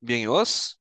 Bien, ¿y vos?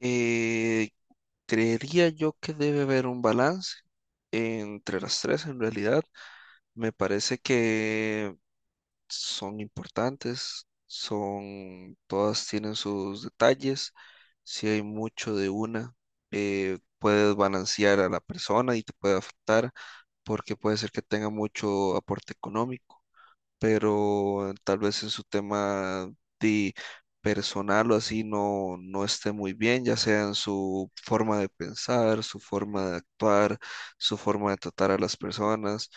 Eh, Creería yo que debe haber un balance entre las tres en realidad. Me parece que son importantes, todas tienen sus detalles. Si hay mucho de una, puedes balancear a la persona y te puede afectar porque puede ser que tenga mucho aporte económico pero tal vez en su tema de personal o así no esté muy bien, ya sea en su forma de pensar, su forma de actuar, su forma de tratar a las personas.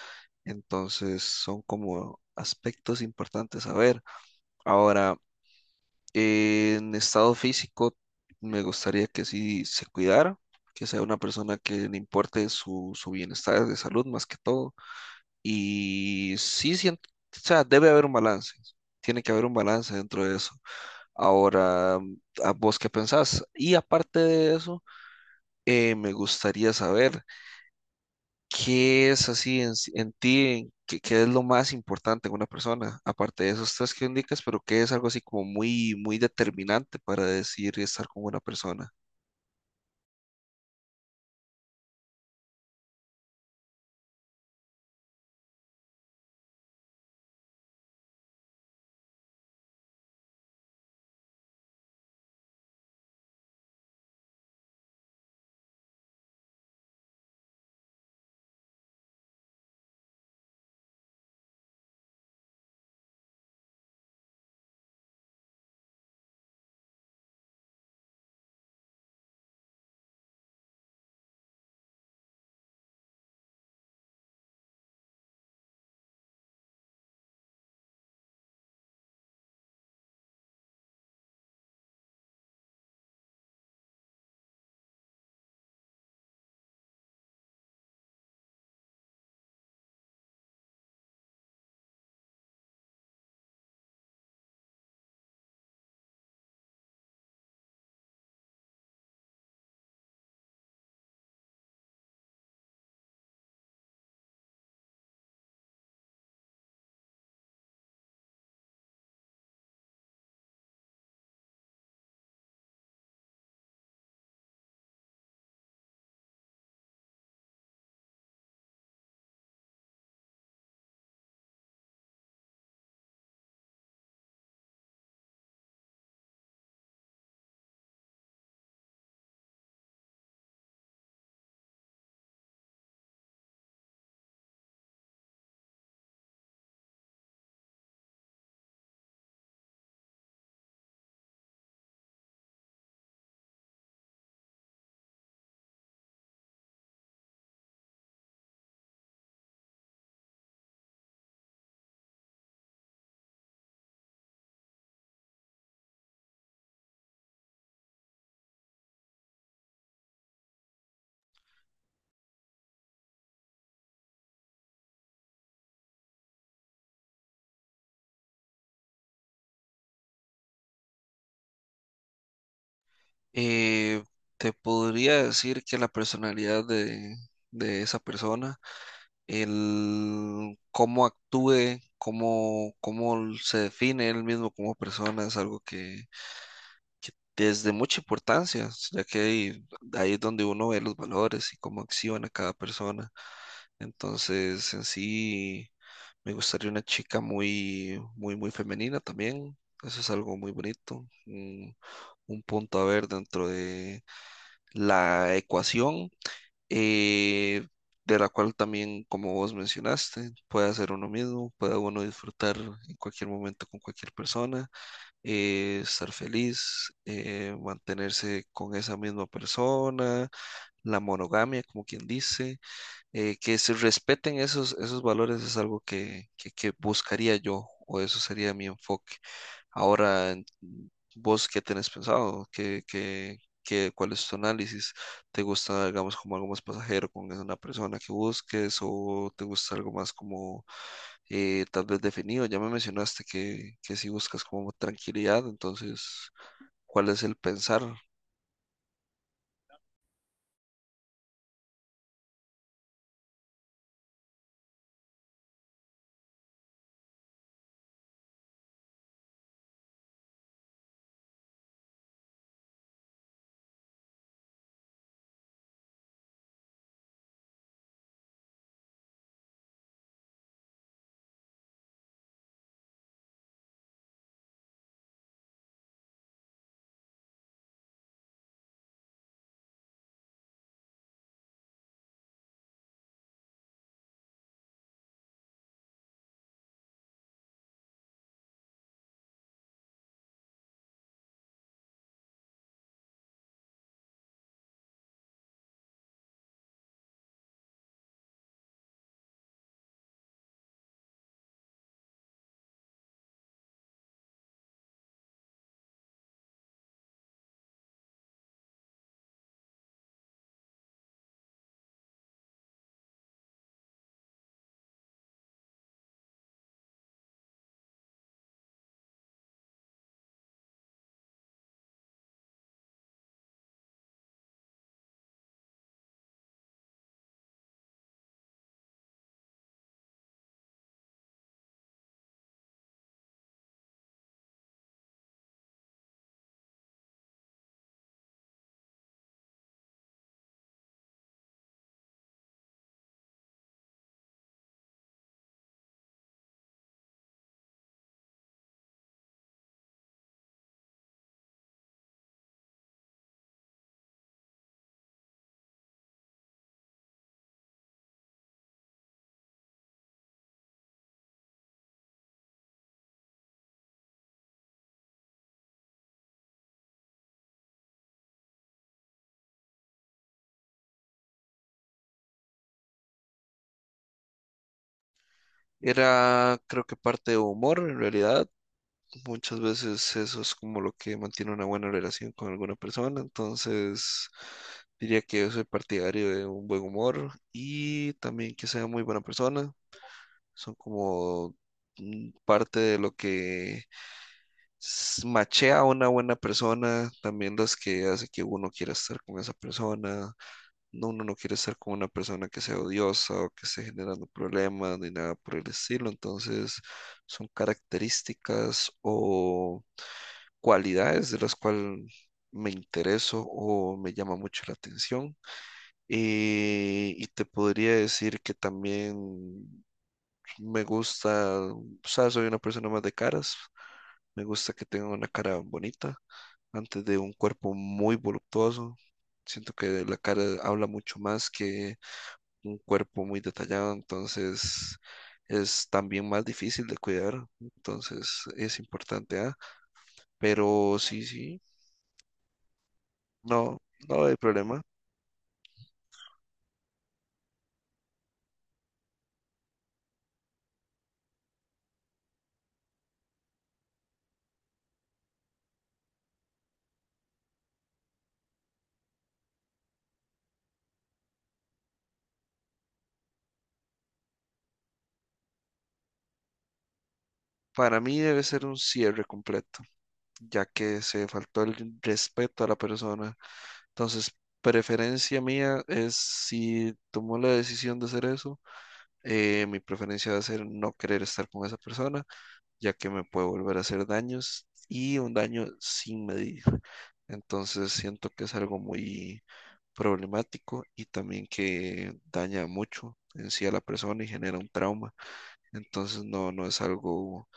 Entonces son como aspectos importantes a ver. Ahora, en estado físico, me gustaría que sí se cuidara, que sea una persona que le importe su bienestar de salud más que todo y sí siento, o sea, debe haber un balance. Tiene que haber un balance dentro de eso. Ahora, ¿a vos qué pensás? Y aparte de eso, me gustaría saber qué es así en ti, qué es lo más importante en una persona, aparte de esos tres que indicas, pero qué es algo así como muy, muy determinante para decir estar con una persona. Eh, Te podría decir que la personalidad de esa persona, el cómo actúe, cómo se define él mismo como persona, es algo que es de mucha importancia, ya que ahí es donde uno ve los valores y cómo acciona cada persona. Entonces, en sí, me gustaría una chica muy, muy, muy femenina también. Eso es algo muy bonito, un punto a ver dentro de la ecuación, eh, de la cual también, como vos mencionaste, puede hacer uno mismo, puede uno disfrutar en cualquier momento con cualquier persona, estar feliz, mantenerse con esa misma persona, la monogamia, como quien dice. Que se respeten esos valores es algo que buscaría yo, o eso sería mi enfoque. Ahora, vos qué tenés pensado. Cuál es tu análisis? ¿Te gusta, digamos, como algo más pasajero con una persona que busques, o te gusta algo más como, tal vez definido? Ya me mencionaste que si buscas como tranquilidad, entonces, ¿cuál es el pensar? Era, creo que parte de humor en realidad. Muchas veces eso es como lo que mantiene una buena relación con alguna persona, entonces diría que yo soy partidario de un buen humor y también que sea muy buena persona. Son como parte de lo que machea a una buena persona, también las que hace que uno quiera estar con esa persona. No. Uno no quiere estar con una persona que sea odiosa o que esté generando problemas ni nada por el estilo, entonces son características o cualidades de las cuales me intereso o me llama mucho la atención. Y te podría decir que también me gusta, o sea, soy una persona más de caras, me gusta que tenga una cara bonita antes de un cuerpo muy voluptuoso. Siento que la cara habla mucho más que un cuerpo muy detallado, entonces es también más difícil de cuidar, entonces es importante, ¿ah? Pero sí, sí. No, no hay problema. Para mí debe ser un cierre completo, ya que se faltó el respeto a la persona. Entonces, preferencia mía es si tomó la decisión de hacer eso, mi preferencia va a ser no querer estar con esa persona, ya que me puede volver a hacer daños y un daño sin medir. Entonces, siento que es algo muy problemático y también que daña mucho en sí a la persona y genera un trauma. Entonces, no, no es algo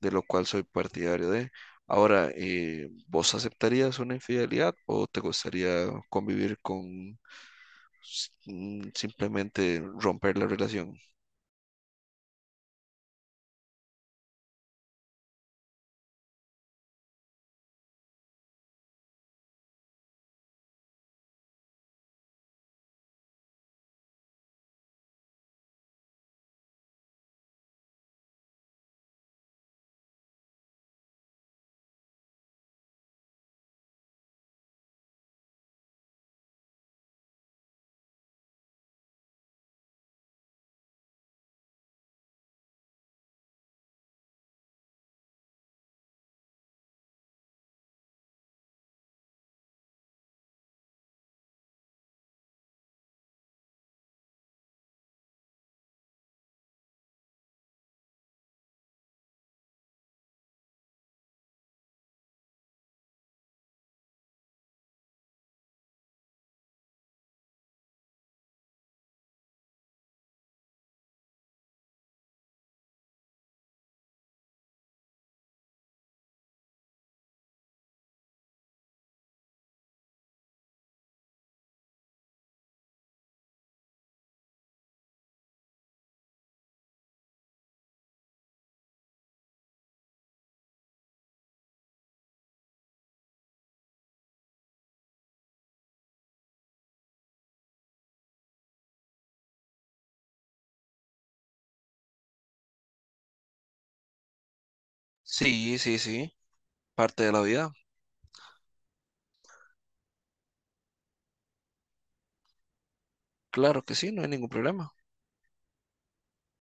de lo cual soy partidario de. Ahora, ¿vos aceptarías una infidelidad o te gustaría convivir con simplemente romper la relación? Sí, sí, sí, parte de la vida. Claro que sí, no hay ningún problema.